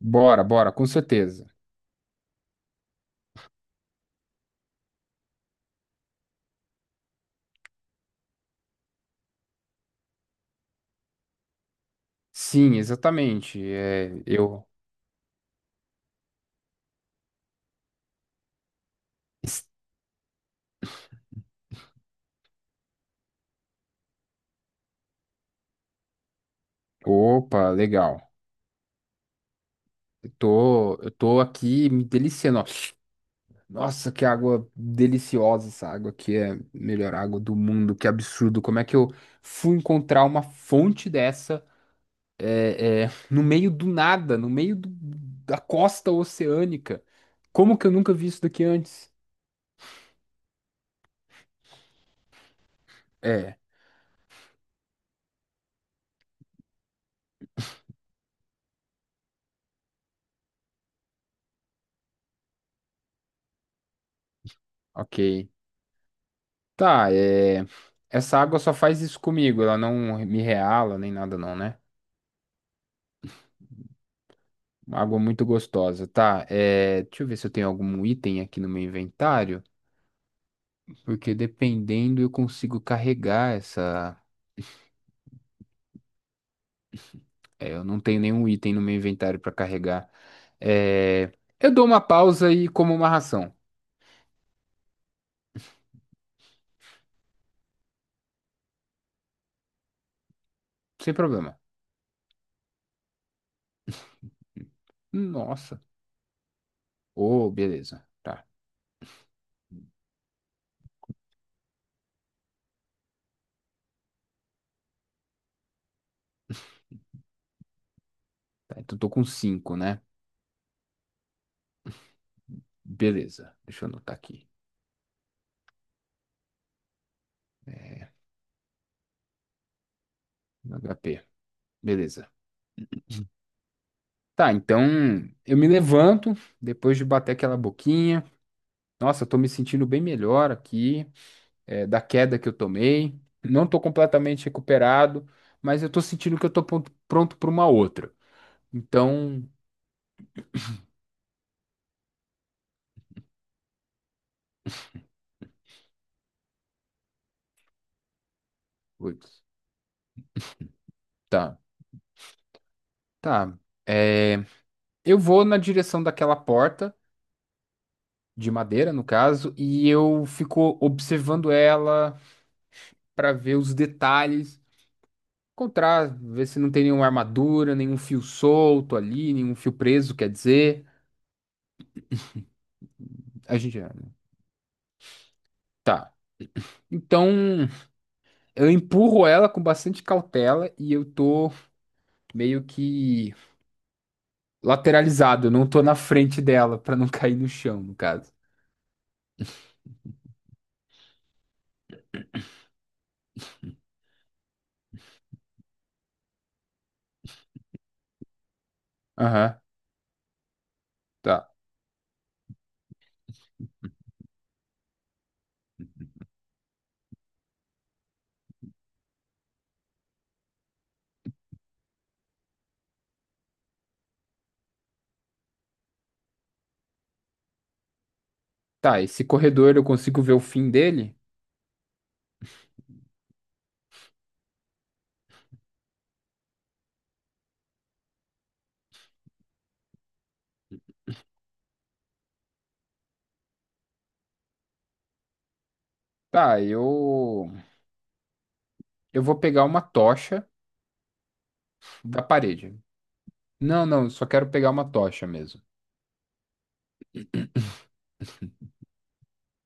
Bora, bora, com certeza. Sim, exatamente. Es- Opa, legal. Eu tô aqui me deliciando, ó. Nossa, que água deliciosa, essa água aqui é a melhor água do mundo. Que absurdo. Como é que eu fui encontrar uma fonte dessa no meio do nada, no meio do- da costa oceânica? Como que eu nunca vi isso daqui antes? É, ok. Tá, essa água só faz isso comigo, ela não me reala nem nada não, né? Uma água muito gostosa, tá? Deixa eu ver se eu tenho algum item aqui no meu inventário, porque dependendo eu consigo carregar essa... eu não tenho nenhum item no meu inventário pra carregar. É... Eu dou uma pausa e como uma ração, sem problema. Nossa. Oh, beleza. Tá. Tá, então tô com 5, né? Beleza. Deixa eu anotar aqui. HP. Beleza. Tá, então eu me levanto depois de bater aquela boquinha. Nossa, eu tô me sentindo bem melhor aqui, da queda que eu tomei. Não tô completamente recuperado, mas eu tô sentindo que eu tô pronto pra uma outra. Então, putz, tá, tá. É, eu vou na direção daquela porta de madeira, no caso, e eu fico observando ela pra ver os detalhes. Encontrar, ver se não tem nenhuma armadura, nenhum fio solto ali, nenhum fio preso, quer dizer. A gente. Tá. Então, eu empurro ela com bastante cautela e eu tô meio que lateralizado, eu não tô na frente dela pra não cair no chão, no caso. Aham, tá. Tá, esse corredor eu consigo ver o fim dele? Tá, eu vou pegar uma tocha da parede. Não, não, eu só quero pegar uma tocha mesmo.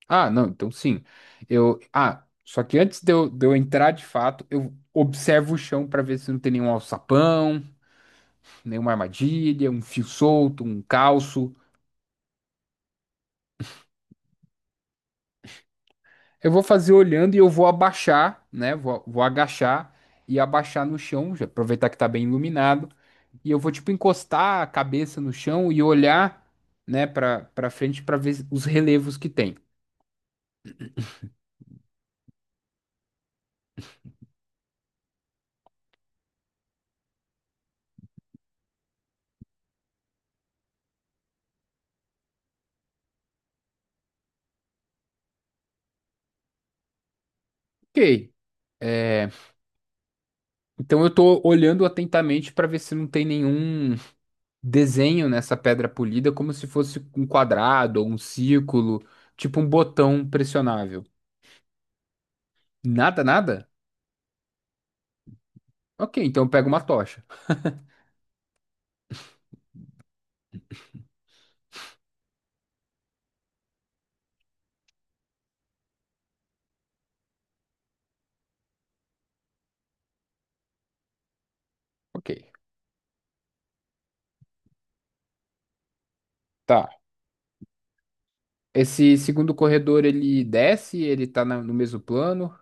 Ah, não, então sim. Eu, só que antes de eu entrar de fato, eu observo o chão para ver se não tem nenhum alçapão, nenhuma armadilha, um fio solto, um calço. Eu vou fazer olhando e eu vou abaixar, né? Vou agachar e abaixar no chão, já aproveitar que tá bem iluminado, e eu vou tipo encostar a cabeça no chão e olhar, né, para frente para ver os relevos que tem. OK. É, então eu tô olhando atentamente para ver se não tem nenhum desenho nessa pedra polida como se fosse um quadrado ou um círculo, tipo um botão pressionável. Nada, nada? Ok, então eu pego uma tocha. Ok, tá. Esse segundo corredor ele desce, ele tá no mesmo plano,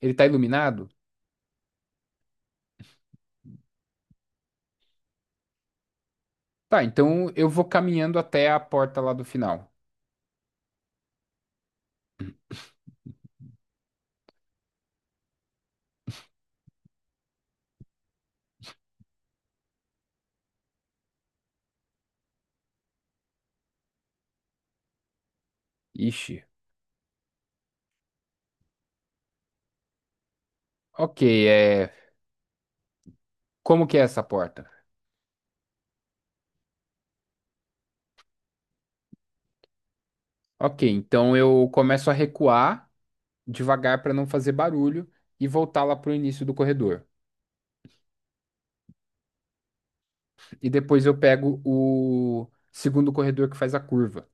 ele tá iluminado? Tá, então eu vou caminhando até a porta lá do final. Ixi. Ok, é. Como que é essa porta? Ok, então eu começo a recuar devagar para não fazer barulho e voltar lá pro início do corredor. E depois eu pego o segundo corredor que faz a curva.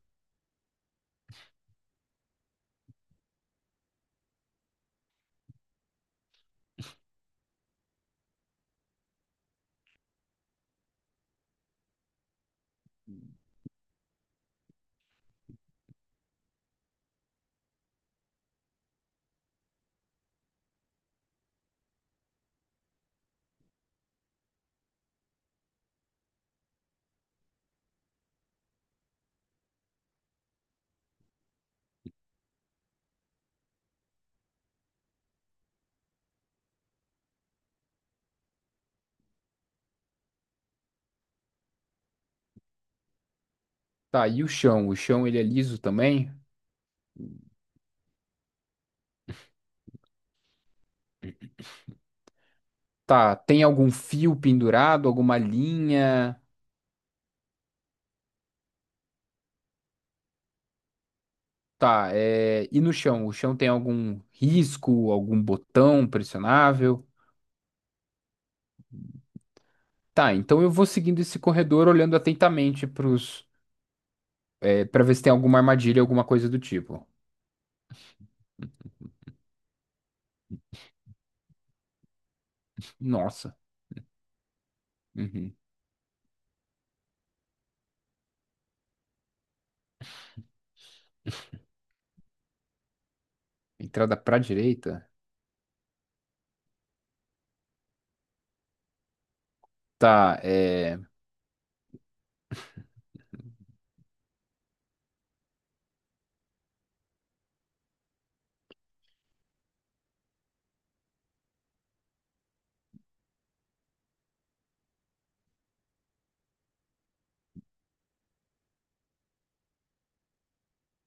Tá, e o chão? O chão ele é liso também? Tá, tem algum fio pendurado, alguma linha? Tá, e no chão? O chão tem algum risco, algum botão pressionável? Tá, então eu vou seguindo esse corredor olhando atentamente pros, para ver se tem alguma armadilha, alguma coisa do tipo. Nossa. Uhum. Entrada pra direita? Tá, é...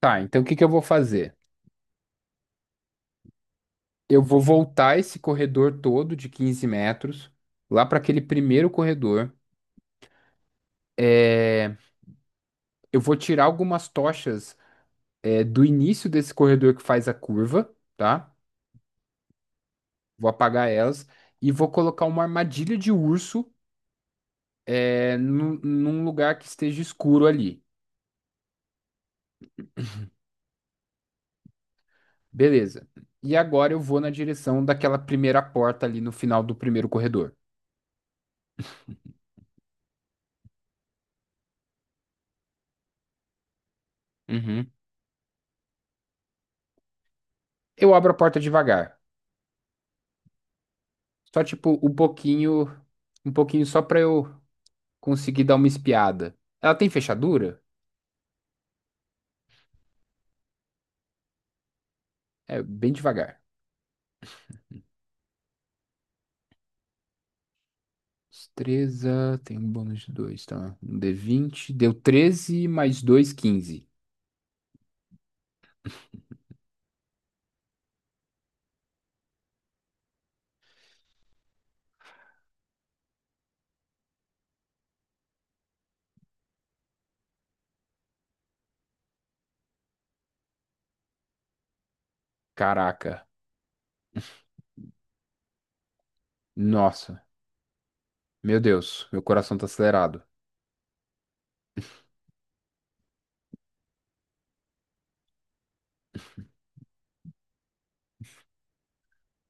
Tá, então o que que eu vou fazer? Eu vou voltar esse corredor todo de 15 metros, lá para aquele primeiro corredor. É, eu vou tirar algumas tochas, do início desse corredor que faz a curva, tá? Vou apagar elas e vou colocar uma armadilha de urso, num lugar que esteja escuro ali. Beleza. E agora eu vou na direção daquela primeira porta ali no final do primeiro corredor. Uhum. Eu abro a porta devagar, só tipo um pouquinho só para eu Consegui dar uma espiada. Ela tem fechadura? É, bem devagar. Destreza, tem um bônus de 2, tá? Um d20. Deu 13 mais 2, 15. Caraca. Nossa. Meu Deus, meu coração tá acelerado.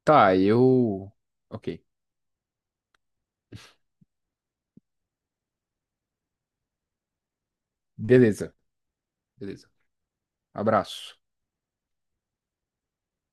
Tá, eu. Ok. Beleza, beleza. Abraço.